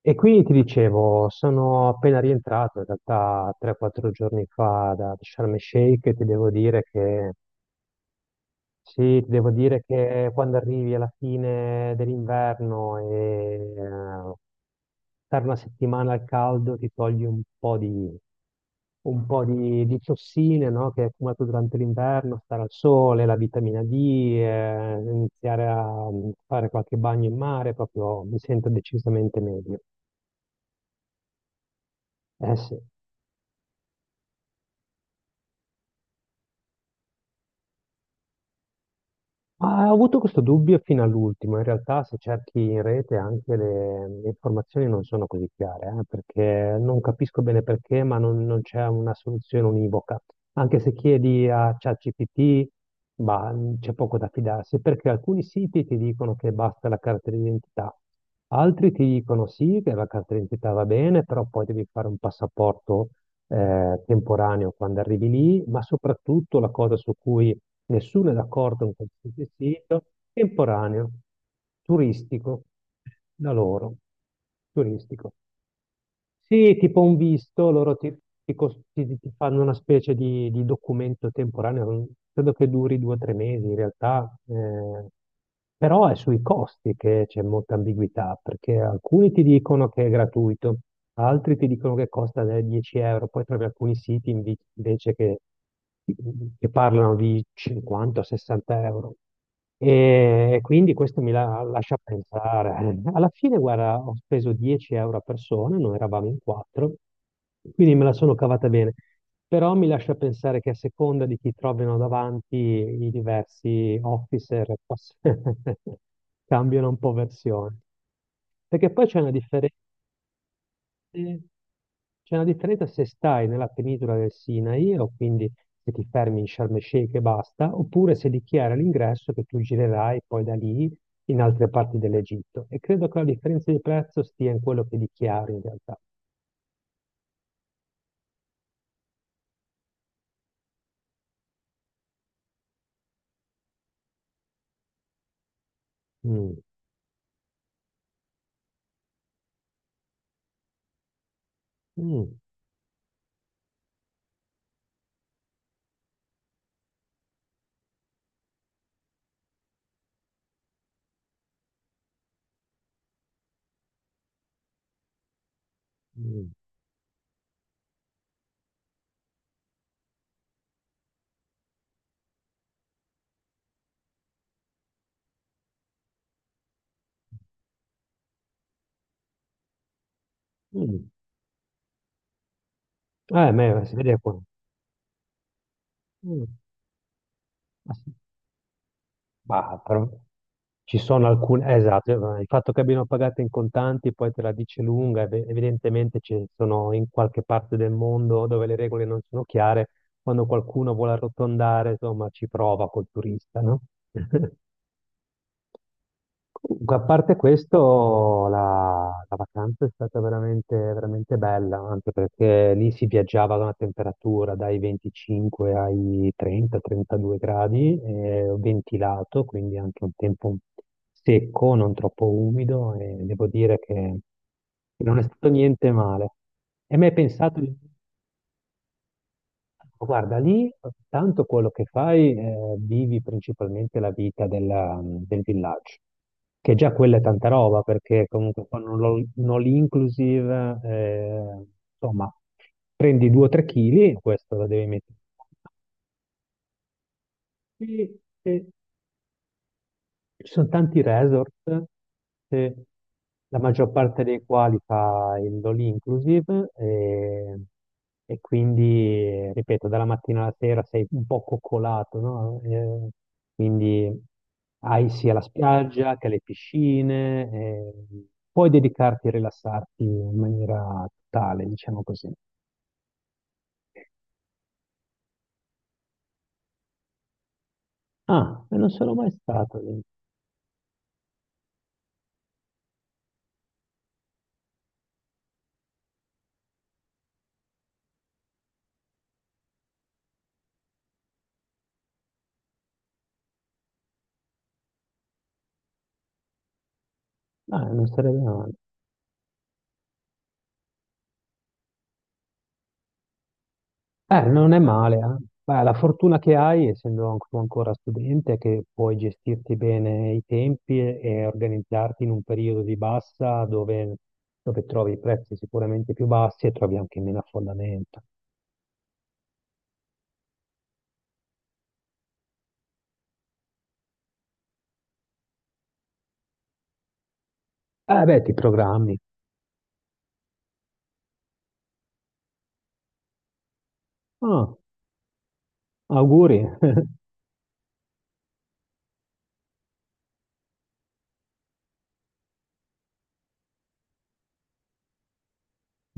E quindi ti dicevo, sono appena rientrato in realtà 3-4 giorni fa da Sharm el Sheikh e ti devo dire che sì, ti devo dire che quando arrivi alla fine dell'inverno e stare una settimana al caldo ti togli un po' di tossine, no, che hai accumulato durante l'inverno, stare al sole, la vitamina D, iniziare a fare qualche bagno in mare, proprio mi sento decisamente meglio. Eh sì. Ma ho avuto questo dubbio fino all'ultimo, in realtà se cerchi in rete anche le informazioni non sono così chiare, perché non capisco bene perché, ma non c'è una soluzione univoca. Anche se chiedi a ChatGPT, bah, c'è poco da fidarsi, perché alcuni siti ti dicono che basta la carta d'identità, altri ti dicono sì, che la carta d'identità va bene, però poi devi fare un passaporto temporaneo quando arrivi lì, ma soprattutto la cosa su cui nessuno è d'accordo in qualsiasi sito, temporaneo, turistico, da loro, turistico. Sì, tipo un visto, loro ti fanno una specie di documento temporaneo, credo che duri due o tre mesi in realtà, però è sui costi che c'è molta ambiguità, perché alcuni ti dicono che è gratuito, altri ti dicono che costa 10 euro, poi trovi alcuni siti invece che parlano di 50-60 euro. E quindi questo mi lascia pensare. Alla fine, guarda, ho speso 10 euro a persona, noi eravamo in quattro, quindi me la sono cavata bene. Però mi lascia pensare che a seconda di chi trovano davanti i diversi officer cambiano un po' versione. Perché poi c'è una differenza, eh, c'è una differenza se stai nella penisola del Sinai, o quindi se ti fermi in Sharm el Sheikh e basta, oppure se dichiara all'ingresso che tu girerai poi da lì in altre parti dell'Egitto. E credo che la differenza di prezzo stia in quello che dichiari in realtà. Mm, mm, mm, mm. Ma si vede qua. Mm, ma sì. Bah, però. Ci sono alcune, esatto, il fatto che abbiano pagato in contanti poi te la dice lunga, evidentemente ci sono in qualche parte del mondo dove le regole non sono chiare, quando qualcuno vuole arrotondare, insomma, ci prova col turista, no? Comunque, a parte questo, la vacanza è stata veramente, veramente bella, anche perché lì si viaggiava ad una temperatura dai 25 ai 30-32 gradi, ventilato, quindi anche un tempo secco, non troppo umido, e devo dire che non è stato niente male. E mi hai pensato di... Guarda, lì tanto quello che fai, vivi principalmente la vita del villaggio, che già quella è tanta roba, perché comunque con un un all-inclusive, insomma, prendi 2-3 kg, questo lo devi mettere. Sì, ci sono tanti resort, eh, la maggior parte dei quali fa il all inclusive e quindi, ripeto, dalla mattina alla sera sei un po' coccolato, no? Quindi hai sia la spiaggia che le piscine, puoi dedicarti e rilassarti in maniera totale, diciamo così. Ah, e non sono mai stato lì. Ah, non sarebbe male. Non è male, eh. Beh, la fortuna che hai, essendo tu ancora studente, è che puoi gestirti bene i tempi e organizzarti in un periodo di bassa dove trovi i prezzi sicuramente più bassi e trovi anche meno affollamento. Beh, ti programmi. Ah, auguri.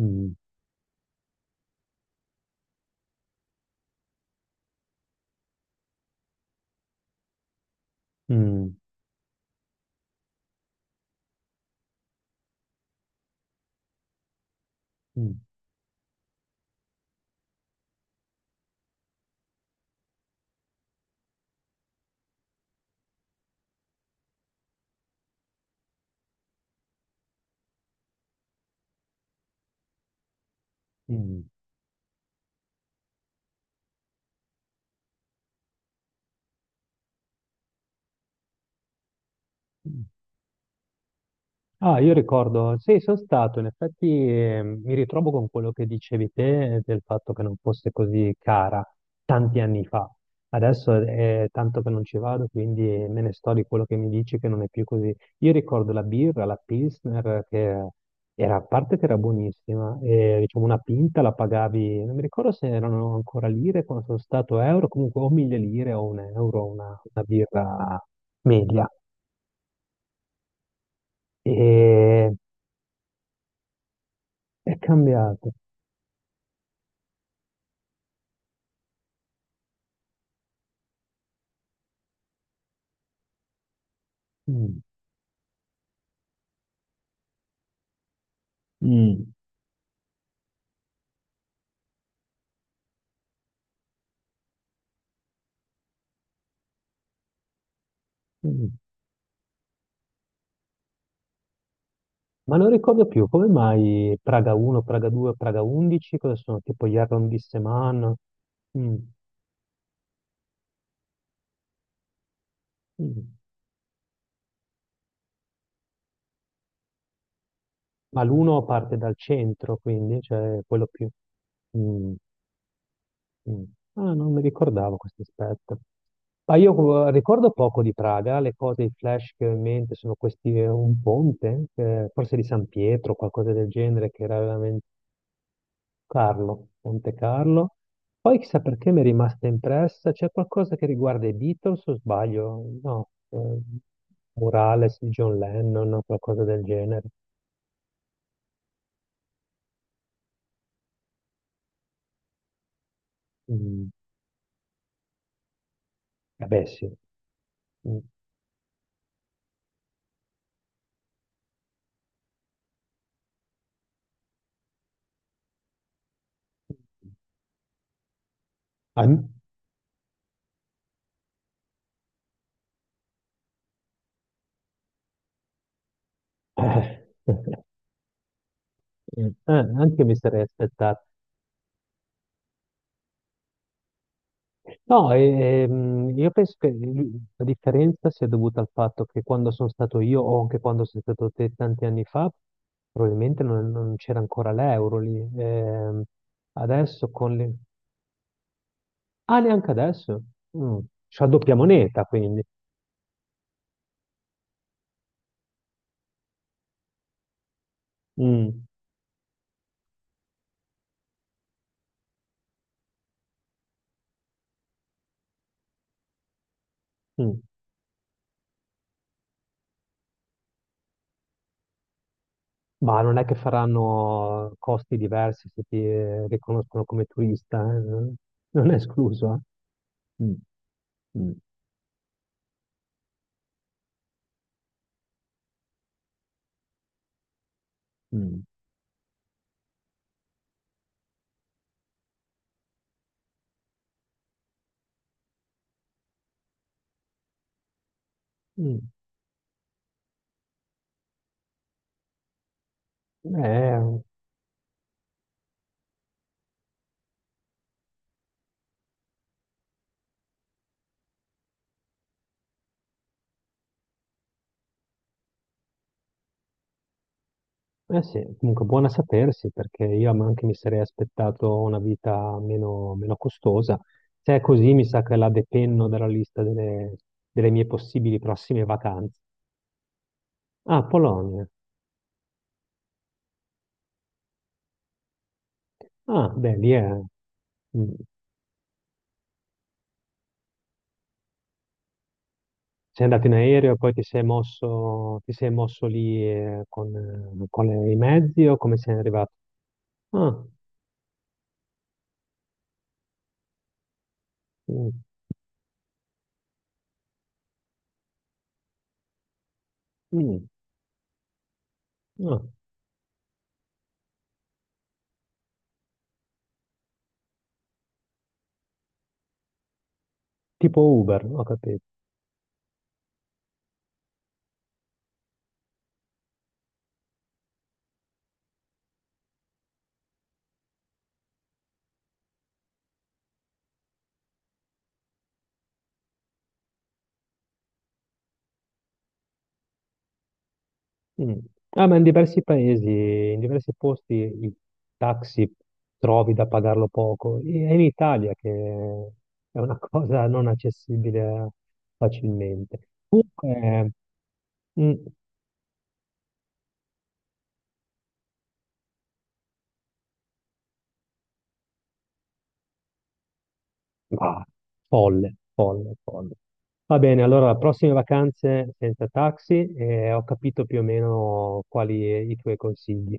Mm, mm, mm, mm. Ah, io ricordo, sì, sono stato, in effetti mi ritrovo con quello che dicevi te del fatto che non fosse così cara tanti anni fa. Adesso è tanto che non ci vado, quindi me ne sto di quello che mi dici che non è più così. Io ricordo la birra, la Pilsner, che era, a parte che era buonissima, e, diciamo una pinta la pagavi, non mi ricordo se erano ancora lire, quando sono stato euro, comunque o mille lire o un euro, una birra media. E è cambiato. Mm. Mm. Mm. Ma non ricordo più, come mai Praga 1, Praga 2, Praga 11, cosa sono? Tipo gli arrondissement? Mm, mm. Ma l'uno parte dal centro, quindi, cioè quello più... Mm, mm. Ah, non mi ricordavo questo aspetto. Ma io ricordo poco di Praga, le cose, i flash che ho in mente sono questi, un ponte, forse di San Pietro, qualcosa del genere, che era veramente Carlo, Monte Carlo. Poi chissà perché mi è rimasta impressa, c'è qualcosa che riguarda i Beatles o sbaglio? No, murales di John Lennon o qualcosa del genere. Mm, vabbè sì. Mm. An- anche io mi sarei aspettato. No, io penso che la differenza sia dovuta al fatto che quando sono stato io o anche quando sei stato te tanti anni fa, probabilmente non c'era ancora l'euro lì. Adesso con le... Ah, neanche adesso? Mm. C'è la doppia moneta, quindi. Mm, mm. Ma non è che faranno costi diversi se ti riconoscono come turista, eh? Non è escluso, eh? Mm, mm, mm, mm. Eh sì, comunque buona sapersi perché io anche mi sarei aspettato una vita meno, meno costosa. Se è così, mi sa che la depenno dalla lista delle mie possibili prossime vacanze. Ah, Polonia. Ah, beh, lì è... mm, Sei andato in aereo e poi ti sei mosso lì con i mezzi o come sei arrivato? Ah, mm, mm, ah, tipo Uber, ho capito. Mm. Ah, ma in diversi paesi, in diversi posti i taxi trovi da pagarlo poco. È in Italia che è una cosa non accessibile facilmente. Comunque, mm, ah, folle, folle, folle. Va bene, allora prossime vacanze senza taxi e ho capito più o meno quali i tuoi consigli.